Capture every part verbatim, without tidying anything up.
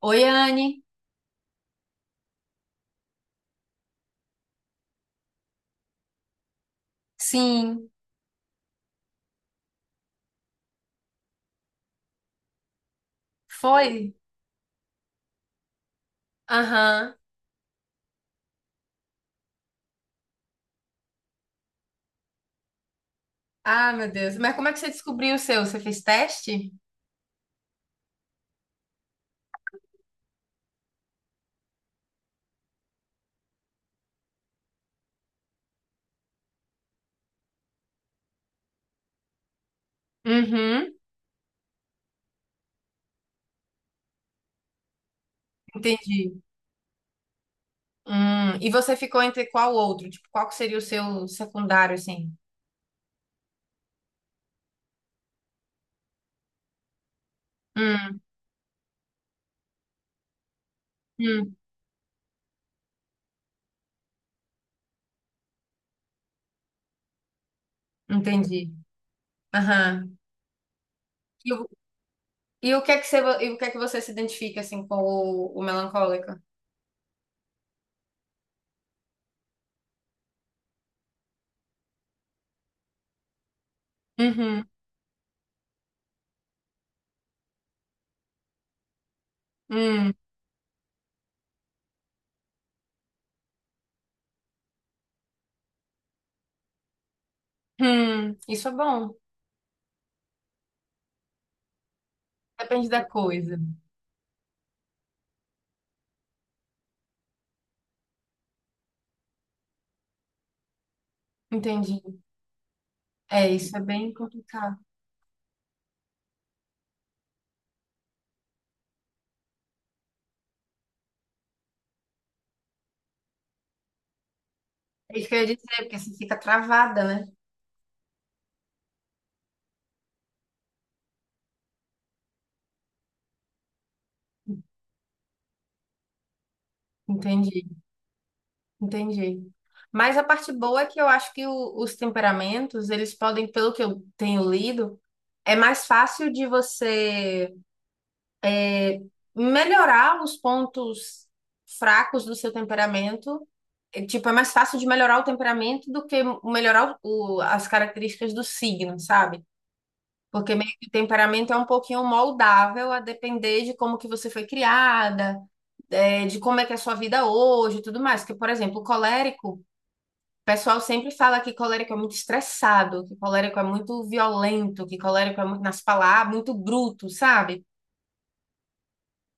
Oi, Anne. Sim, foi? Aham. Ah, meu Deus. Mas como é seu? Você fez teste? Uhum. Entendi. Hum. E você ficou entre qual outro? Tipo, qual que seria o seu secundário, assim? Hum, hum. Entendi. Aham. E, o e o que é que você, e o que é que você se identifica, assim, com o, o melancólico? Uhum. Hum. Hum. Isso é bom. Depende da coisa. Entendi. É, isso é bem complicado. É isso que eu ia dizer, porque você fica travada, né? Entendi. Entendi. Mas a parte boa é que eu acho que o- os temperamentos, eles podem, pelo que eu tenho lido, é mais fácil de você melhorar os pontos fracos do seu temperamento. É, tipo, é mais fácil de melhorar o temperamento do que melhorar o- as características do signo, sabe? Porque meio que o temperamento é um pouquinho moldável a depender de como que você foi criada, é, de como é que é a sua vida hoje e tudo mais. Porque, por exemplo, o colérico. O pessoal sempre fala que colérico é muito estressado, que colérico é muito violento, que colérico é muito nas palavras, ah, muito bruto, sabe?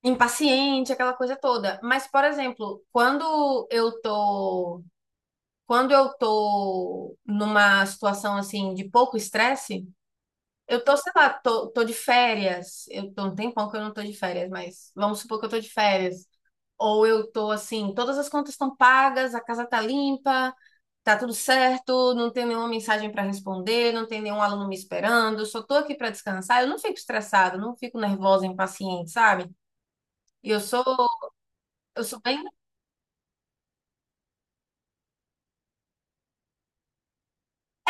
Impaciente, aquela coisa toda. Mas, por exemplo, quando eu tô, quando eu tô numa situação assim de pouco estresse, eu tô, sei lá, tô, tô de férias. Eu tô um tempão que eu não tô de férias, mas vamos supor que eu tô de férias. Ou eu tô assim, todas as contas estão pagas, a casa tá limpa, tá tudo certo, não tem nenhuma mensagem para responder, não tem nenhum aluno me esperando, só tô aqui para descansar. Eu não fico estressada, não fico nervosa, impaciente, sabe? E eu sou, eu sou bem.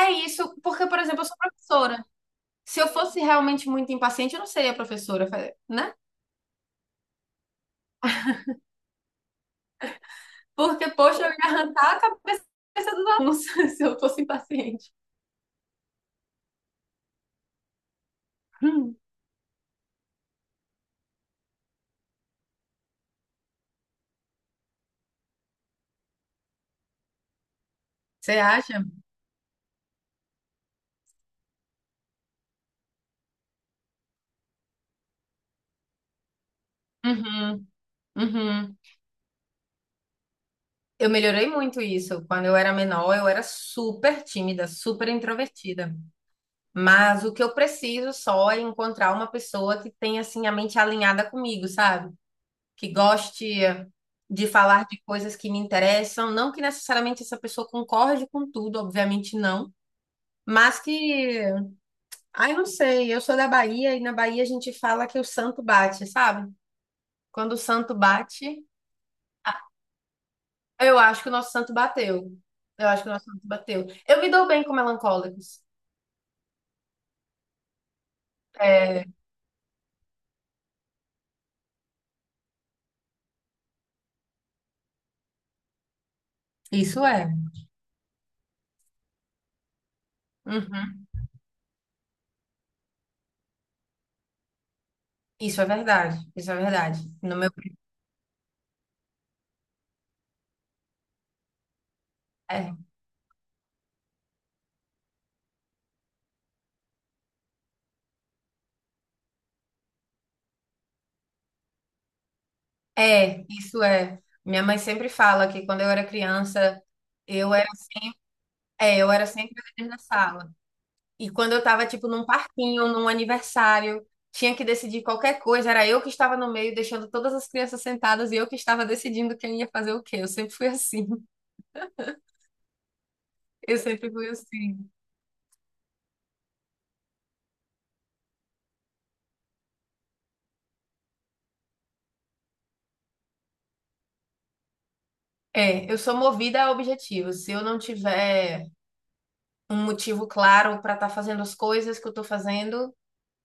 É isso, porque, por exemplo, eu sou professora. Se eu fosse realmente muito impaciente, eu não seria professora, né? Porque, poxa, eu ia arrancar a cabeça dos alunos se eu fosse impaciente. Hum. Você acha? Uhum, uhum. Eu melhorei muito isso. Quando eu era menor, eu era super tímida, super introvertida. Mas o que eu preciso só é encontrar uma pessoa que tenha assim a mente alinhada comigo, sabe? Que goste de falar de coisas que me interessam, não que necessariamente essa pessoa concorde com tudo, obviamente não, mas que, ai, não sei, eu sou da Bahia e na Bahia a gente fala que o santo bate, sabe? Quando o santo bate, eu acho que o nosso santo bateu. Eu acho que o nosso santo bateu. Eu me dou bem com melancólicos. É, isso é. Uhum. Isso é verdade. Isso é verdade. No meu, é, é, isso é. Minha mãe sempre fala que quando eu era criança, eu era, é, eu era sempre a líder da sala. E quando eu tava, tipo, num parquinho, num aniversário, tinha que decidir qualquer coisa, era eu que estava no meio, deixando todas as crianças sentadas e eu que estava decidindo quem ia fazer o quê. Eu sempre fui assim. Eu sempre fui assim. É, eu sou movida a objetivos. Se eu não tiver um motivo claro para estar fazendo as coisas que eu estou fazendo,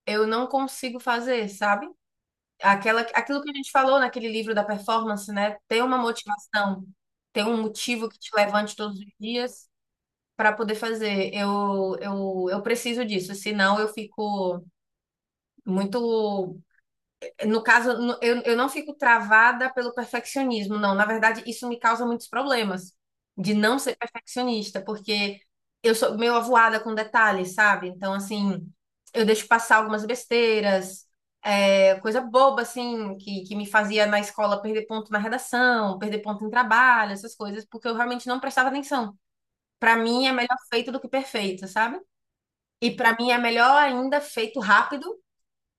eu não consigo fazer, sabe? Aquela, aquilo que a gente falou naquele livro da performance, né? Ter uma motivação, ter um motivo que te levante todos os dias para poder fazer. Eu, eu, eu preciso disso, senão eu fico muito. No caso, eu, eu não fico travada pelo perfeccionismo, não. Na verdade, isso me causa muitos problemas de não ser perfeccionista, porque eu sou meio avoada com detalhes, sabe? Então, assim, eu deixo passar algumas besteiras, é, coisa boba, assim, que, que me fazia na escola perder ponto na redação, perder ponto em trabalho, essas coisas, porque eu realmente não prestava atenção. Para mim, é melhor feito do que perfeito, sabe? E para mim, é melhor ainda feito rápido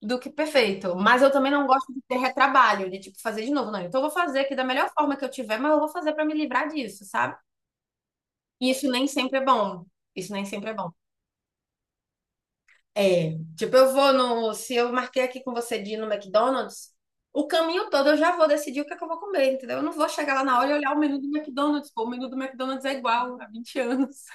do que perfeito. Mas eu também não gosto de ter retrabalho, de tipo fazer de novo, não. Então eu vou fazer aqui da melhor forma que eu tiver, mas eu vou fazer pra me livrar disso, sabe? E isso nem sempre é bom. Isso nem sempre é bom. É, tipo, eu vou no, se eu marquei aqui com você de ir no McDonald's, o caminho todo eu já vou decidir o que é que eu vou comer, entendeu? Eu não vou chegar lá na hora e olhar o menu do McDonald's, pô, o menu do McDonald's é igual há vinte anos.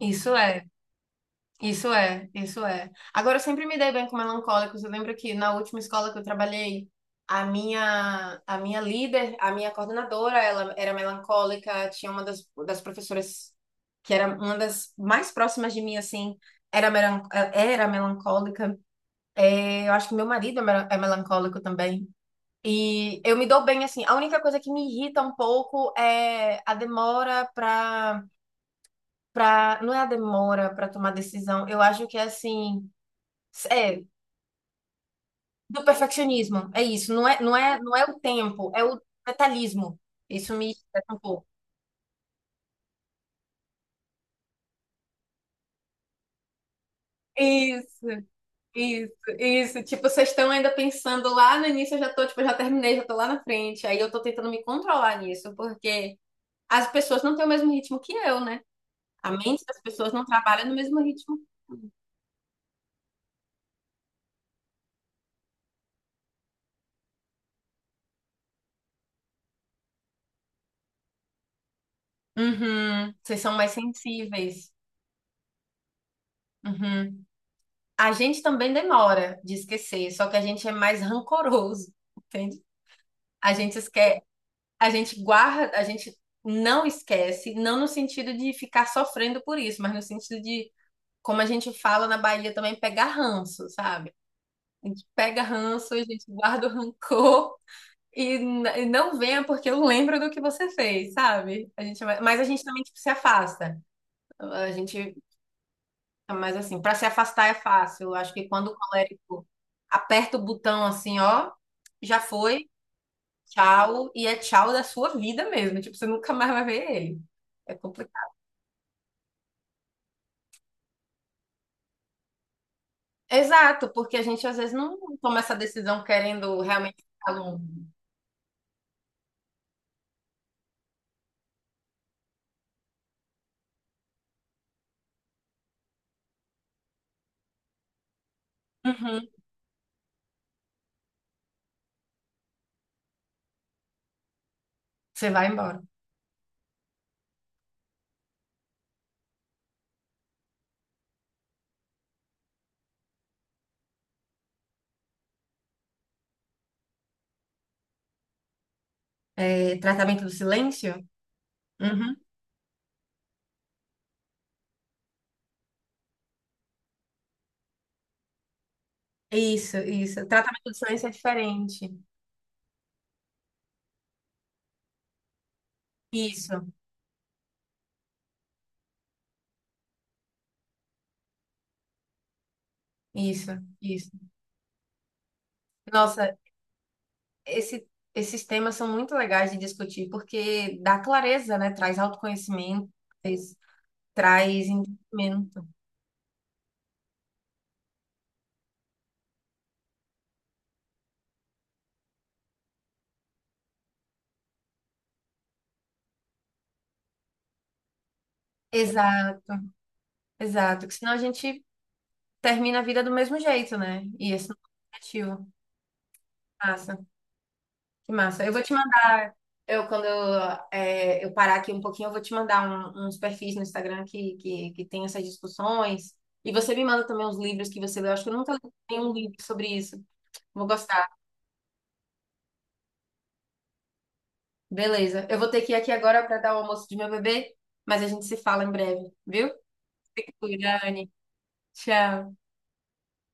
Isso é. Isso é, isso é. Agora, eu sempre me dei bem com melancólicos. Eu lembro que na última escola que eu trabalhei, a minha, a minha líder, a minha coordenadora, ela era melancólica. Tinha uma das, das professoras que era uma das mais próximas de mim, assim, era, melan- era melancólica. É, eu acho que meu marido é mel- é melancólico também. E eu me dou bem, assim. A única coisa que me irrita um pouco é a demora para. Pra, pra- não é a demora para tomar decisão. Eu acho que é assim. É, do perfeccionismo. É isso. Não é, não é, não é o tempo, é o detalhismo. Isso me estressa um pouco. Isso, isso, isso. Tipo, vocês estão ainda pensando lá no início, eu já tô, tipo, eu já terminei, já tô lá na frente. Aí eu tô tentando me controlar nisso, porque as pessoas não têm o mesmo ritmo que eu, né? A mente das pessoas não trabalha no mesmo ritmo. Uhum, vocês são mais sensíveis. Uhum. A gente também demora de esquecer, só que a gente é mais rancoroso, entende? A gente esquece, a gente guarda, a gente não esquece, não no sentido de ficar sofrendo por isso, mas no sentido de, como a gente fala na Bahia também, pegar ranço, sabe? A gente pega ranço, a gente guarda o rancor e, n- e não venha porque eu lembro do que você fez, sabe? A gente, mas a gente também tipo, se afasta. A gente, mas assim, para se afastar é fácil. Eu acho que quando o colérico aperta o botão assim, ó, já foi. Tchau e é tchau da sua vida mesmo. Tipo, você nunca mais vai ver ele. É complicado. Exato, porque a gente às vezes não toma essa decisão querendo realmente ficar longe. Uhum. Você vai embora. É, tratamento do silêncio? Uhum. Isso, isso. Tratamento do silêncio é diferente. Isso, isso, isso. Nossa, esse, esses temas são muito legais de discutir, porque dá clareza, né? Traz autoconhecimento, traz traz entendimento. Exato, exato. Que senão a gente termina a vida do mesmo jeito, né? E esse não é o objetivo. Massa, que massa. Eu vou te mandar. Eu, quando eu, é, eu parar aqui um pouquinho, eu vou te mandar um- uns perfis no Instagram que, que, que tem essas discussões. E você me manda também uns livros que você leu. Acho que eu nunca li nenhum livro sobre isso. Vou gostar. Beleza. Eu vou ter que ir aqui agora para dar o almoço de meu bebê, mas a gente se fala em breve, viu? Fica com cuida, Anne. Tchau.